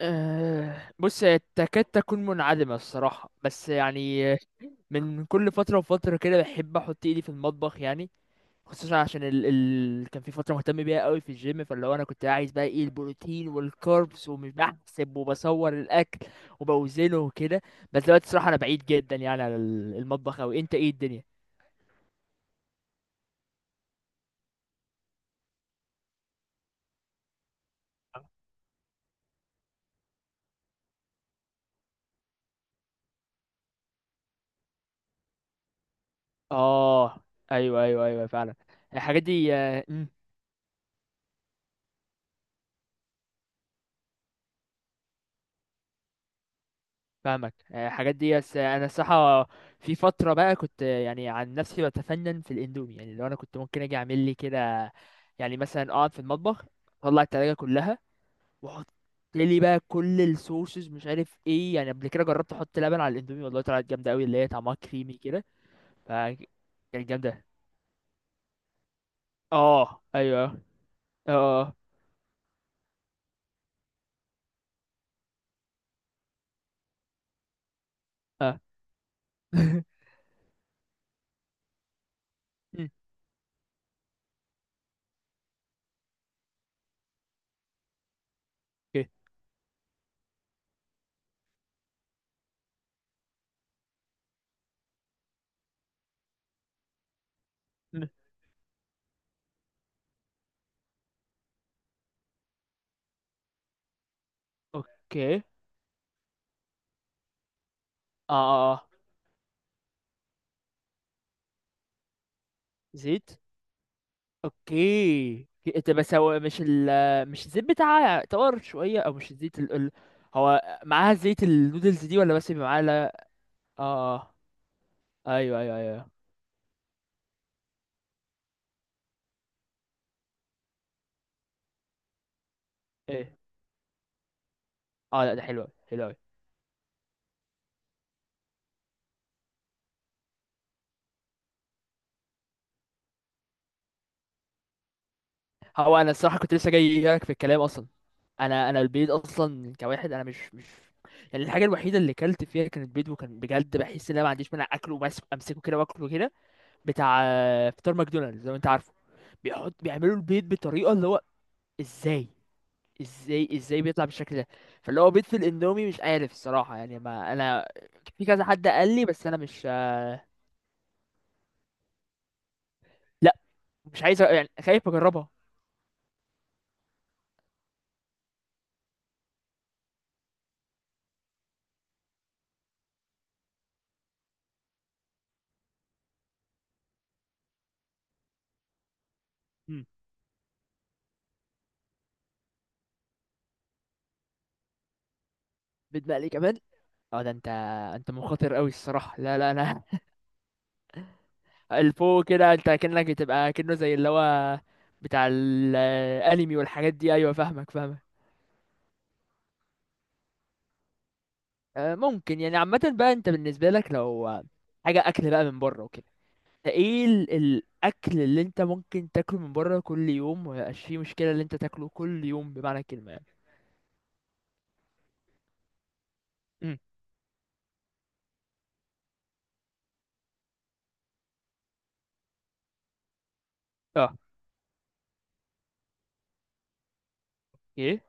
بص هي تكاد تكون منعدمة الصراحة بس يعني من كل فترة وفترة كده بحب أحط إيدي في المطبخ يعني خصوصا عشان كان في فترة مهتم بيها قوي في الجيم فاللي هو أنا كنت عايز بقى إيه البروتين والكاربس ومش بحسب وبصور الأكل وبوزنه وكده. بس دلوقتي الصراحة أنا بعيد جدا يعني على المطبخ أوي. أنت إيه الدنيا؟ آه. أيوه فعلا. الحاجات دي، فاهمك. الحاجات دي، بس انا الصراحه في فتره بقى كنت يعني عن نفسي بتفنن في الاندومي. يعني لو انا كنت ممكن اجي اعمل لي كده، يعني مثلا اقعد في المطبخ، اطلع التلاجة كلها، واحط لي بقى كل الصوصز مش عارف ايه. يعني قبل كده جربت احط لبن على الاندومي والله طلعت جامده قوي، اللي هي طعمها كريمي كده. ف كانت جامده. اه ايوه. اه اه آه. أوكي. اوكي. اه اه آه. زيت. اوكي. طب بس هو مش مش الزيت بتاعها طار شويه؟ او مش الزيت هو معاها زيت النودلز دي ولا بس بيبقى معاها؟ لا. اه آه. ايوه. ايه. اه، لا ده حلو أوي، حلو قوي. هو انا الصراحه كنت لسه جاي لك في الكلام اصلا. انا البيض اصلا كواحد انا مش يعني الحاجه الوحيده اللي اكلت فيها كانت بيض، وكان بجد بحس ان انا ما عنديش مانع اكله بس امسكه كده واكله كده. بتاع فطار ماكدونالدز لو انت عارفه، بيحط بيعملوا البيض بطريقه اللي هو ازاي؟ ازاي بيطلع بالشكل ده؟ فاللي هو بيض في الاندومي مش عارف الصراحه. يعني ما انا في كذا حد قال لي بس انا مش. لا. مش عايز يعني خايف اجربها. مم. بيض مقلي كمان؟ اه ده انت، انت مخاطر قوي الصراحه. لا لا انا. الفوق كده انت كأنك بتبقى كأنه زي اللي هو بتاع الانمي والحاجات دي. ايوه فاهمك فاهمك. ممكن يعني. عامه بقى انت بالنسبه لك لو حاجه اكل بقى من بره وكده، ايه الاكل اللي انت ممكن تاكله من بره كل يوم وميبقاش فيه مشكله؟ اللي انت تاكله كل يوم بمعنى الكلمه يعني. امم. اه. ايه.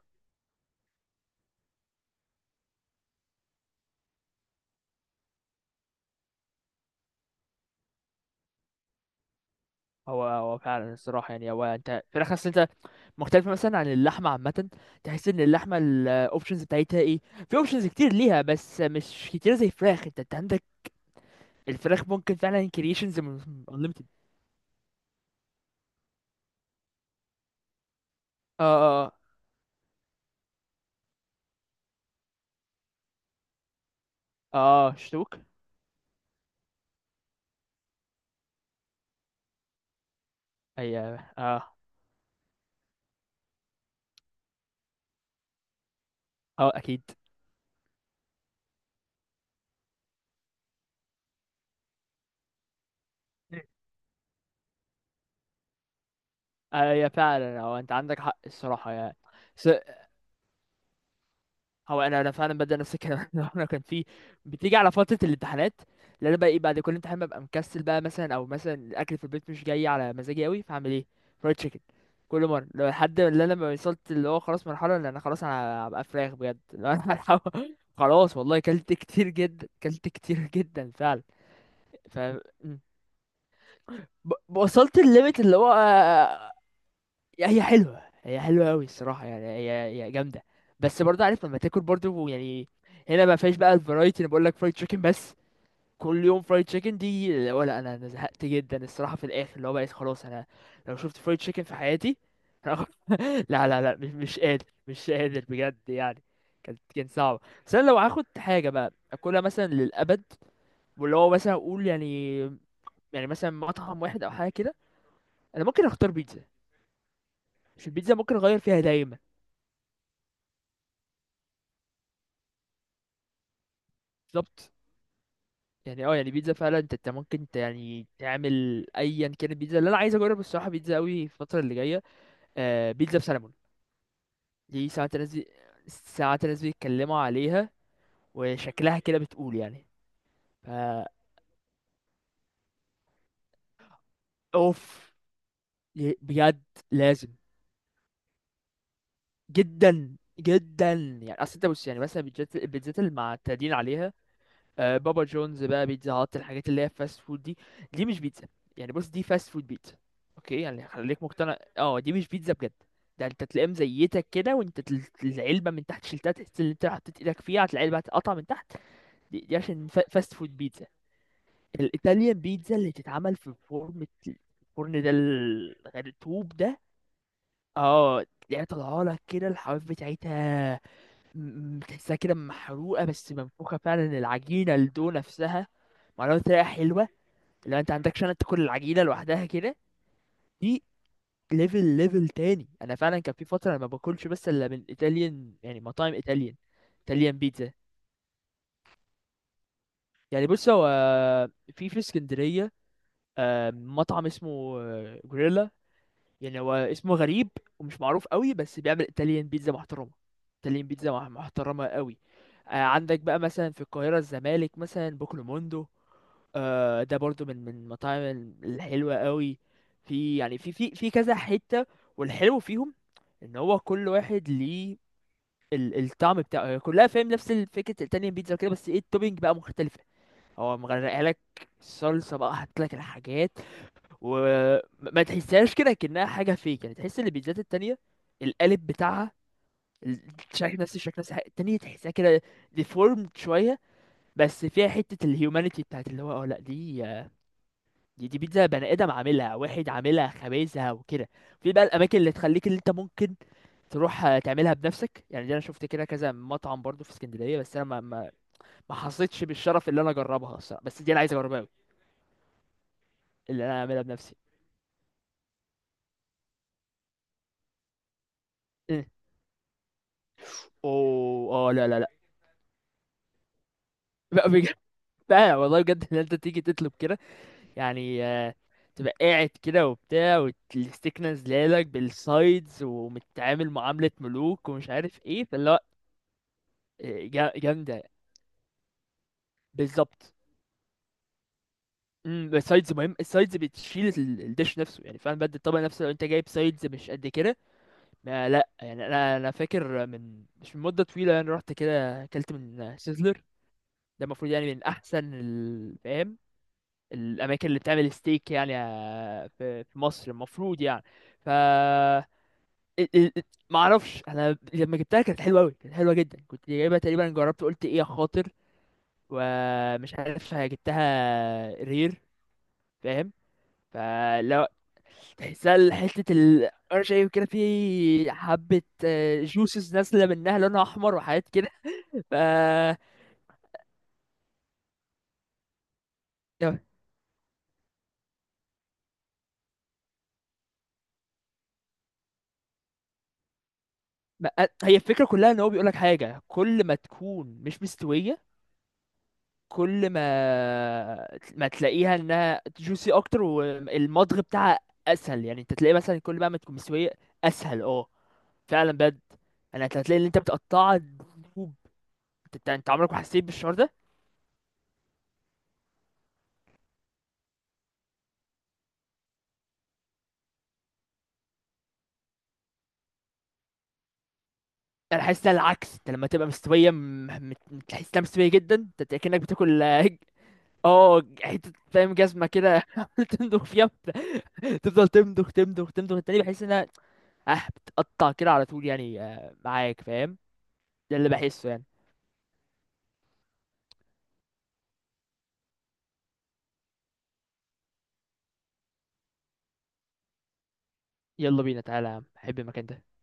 هو هو فعلا الصراحه يعني. هو انت فراخ اصل انت مختلفه مثلا عن اللحمه عامه. تحس ان اللحمه الاوبشنز بتاعتها ايه؟ في اوبشنز كتير ليها بس مش كتير زي الفراخ. انت انت عندك الفراخ ممكن فعلا كرييشنز انليمتد. اه. اه اه شتوك. ايوه. اه. اه اكيد. مم. ايوه فعلا هو انت عندك حق الصراحه يعني. هو انا انا فعلا ببدا نفس الكلام. انا كان في، بتيجي على فتره الامتحانات اللي انا بقى ايه بعد كل امتحان ببقى مكسل بقى مثلا، او مثلا الاكل في البيت مش جاي على مزاجي قوي، فاعمل ايه؟ فرايد تشيكن. كل مره، لو لحد ما انا ما وصلت اللي هو خلاص مرحله اللي انا خلاص انا هبقى فراخ بجد. لو انا خلاص والله كلت كتير جدا، كلت كتير جدا فعلا. ف وصلت الليميت اللي هو، هي حلوه، هي حلوه قوي الصراحه يعني. هي هي جامده. بس برضه عارف لما تاكل برضه يعني، هنا ما فيهاش بقى الفرايتي. انا بقول لك فرايد تشيكن بس، كل يوم فرايد تشيكن دي. ولا انا انا زهقت جدا الصراحه في الاخر اللي هو بقيت خلاص انا لو شفت فرايد تشيكن في حياتي، لا لا لا مش مش قادر، مش قادر بجد يعني. كان صعب. بس انا لو هاخد حاجه بقى اكلها مثلا للابد، واللي هو مثلا اقول يعني، يعني مثلا مطعم واحد او حاجه كده، انا ممكن اختار بيتزا. مش البيتزا ممكن اغير فيها دايما. بالظبط. يعني اه، يعني بيتزا فعلا انت انت ممكن يعني تعمل ايا كان. البيتزا اللي انا عايز اجرب الصراحه بيتزا قوي الفتره اللي جايه، بيتزا بسلمون. دي ساعات الناس ساعات الناس بيتكلموا عليها وشكلها كده بتقول يعني. فا اوف. بجد، لازم. جدا جدا يعني. اصل انت بص يعني مثلا البيتزات المعتادين عليها، بابا جونز بقى، بيتزا هات، الحاجات اللي هي فاست فود دي، دي مش بيتزا. يعني بص دي فاست فود بيتزا. اوكي يعني خليك مقتنع، اه دي مش بيتزا بجد. ده انت تلاقيهم زيتك كده، وانت العلبه من تحت شلتها تحس ان انت حطيت ايدك فيها، هتلاقي العلبه هتتقطع من تحت. دي عشان فاست فود بيتزا. الايطاليان بيتزا اللي تتعمل في فرن، الفرن ده الطوب ده، اه تلاقيها طالعه لك كده الحواف بتاعتها، تحسها كده محروقه بس منفوخه فعلا. العجينه، الدو نفسها معموله بطريقه حلوه. لو انت عندكش انا تاكل العجينه لوحدها كده. دي ليفل، ليفل تاني. انا فعلا كان في فتره انا ما باكلش بس الا من ايطاليان، يعني مطاعم ايطاليان، ايطاليان بيتزا. يعني بص هو في في اسكندريه مطعم اسمه جوريلا. يعني هو اسمه غريب ومش معروف قوي، بس بيعمل ايطاليان بيتزا محترمه. ايطاليان بيتزا محترمه قوي. آه عندك بقى مثلا في القاهره، الزمالك مثلا، بوكلو موندو، آه ده برضو من من المطاعم الحلوه قوي. في يعني في في في كذا حته. والحلو فيهم ان هو كل واحد ليه الطعم بتاعه. هي كلها فاهم نفس فكره الايطاليان بيتزا كده، بس ايه التوبينج بقى مختلفه. هو مغرقها لك الصلصه بقى، حاطط لك الحاجات، وما تحسهاش كده كأنها حاجة فيك. يعني تحس ان البيتزات التانية القالب بتاعها الشكل نفس الشكل، نفس الحاجة. التانية تحسها كده ديفورمد شوية، بس فيها حتة الهيومانيتي بتاعت اللي هو اه. لا دي، دي بيتزا بني آدم عاملها، واحد عاملها خبازها وكده. في بقى الأماكن اللي تخليك اللي انت ممكن تروح تعملها بنفسك. يعني دي انا شفت كده كذا مطعم برضو في اسكندرية، بس انا ما حصيتش بالشرف اللي انا اجربها الصراحة، بس دي انا عايز اجربها قوي. اللي انا اعملها بنفسي، إيه. اوه. اه لا لا لا. بقى والله بجد ان انت تيجي تطلب كده يعني، تبقى قاعد كده وبتاع، والستيك نازلالك بالسايدز، ومتعامل معاملة ملوك ومش عارف ايه. فاللي هو جامدة. بالظبط. امم. السايدز مهم. السايدز بتشيل الدش نفسه يعني فعلا بجد. الطبق نفسه لو انت جايب سايدز مش قد كده، ما لا يعني انا انا فاكر من مش من مدة طويلة يعني، رحت كده اكلت من سيزلر. ده المفروض يعني من احسن الاماكن اللي بتعمل ستيك يعني في في مصر المفروض يعني. ف ال- ال- ال- ما اعرفش انا لما جبتها كانت حلوه قوي، كانت حلوه جدا. كنت جايبها تقريبا، جربت قلت ايه يا خاطر، ومش عارف، جبتها رير فاهم. فلو تحسها حته، انا شايف كده في حبه جوسز نازله منها لونها احمر وحاجات كده. ف ما- هي الفكره كلها ان هو بيقول لك حاجه كل ما تكون مش مستويه، كل ما ما تلاقيها انها جوسي اكتر، والمضغ بتاعها اسهل. يعني انت تلاقيه مثلا كل بقى ما تكون مستويه اسهل، اه فعلا بجد. انت هتلاقي اللي انت بتقطعها دبوب، انت انت عمرك ما حسيت بالشعور ده؟ انا حاسس ده العكس، انت لما تبقى مستويه تحس انها مستويه جدا، انت كأنك بتاكل حته فاهم جزمه كده، عمال تمضغ فيها تفضل تمضغ، تمضغ. التاني بحس انها اه بتقطع كده على طول يعني، معاك فاهم؟ ده اللي بحسه يعني. يلا بينا تعالى يا عم، بحب المكان ده.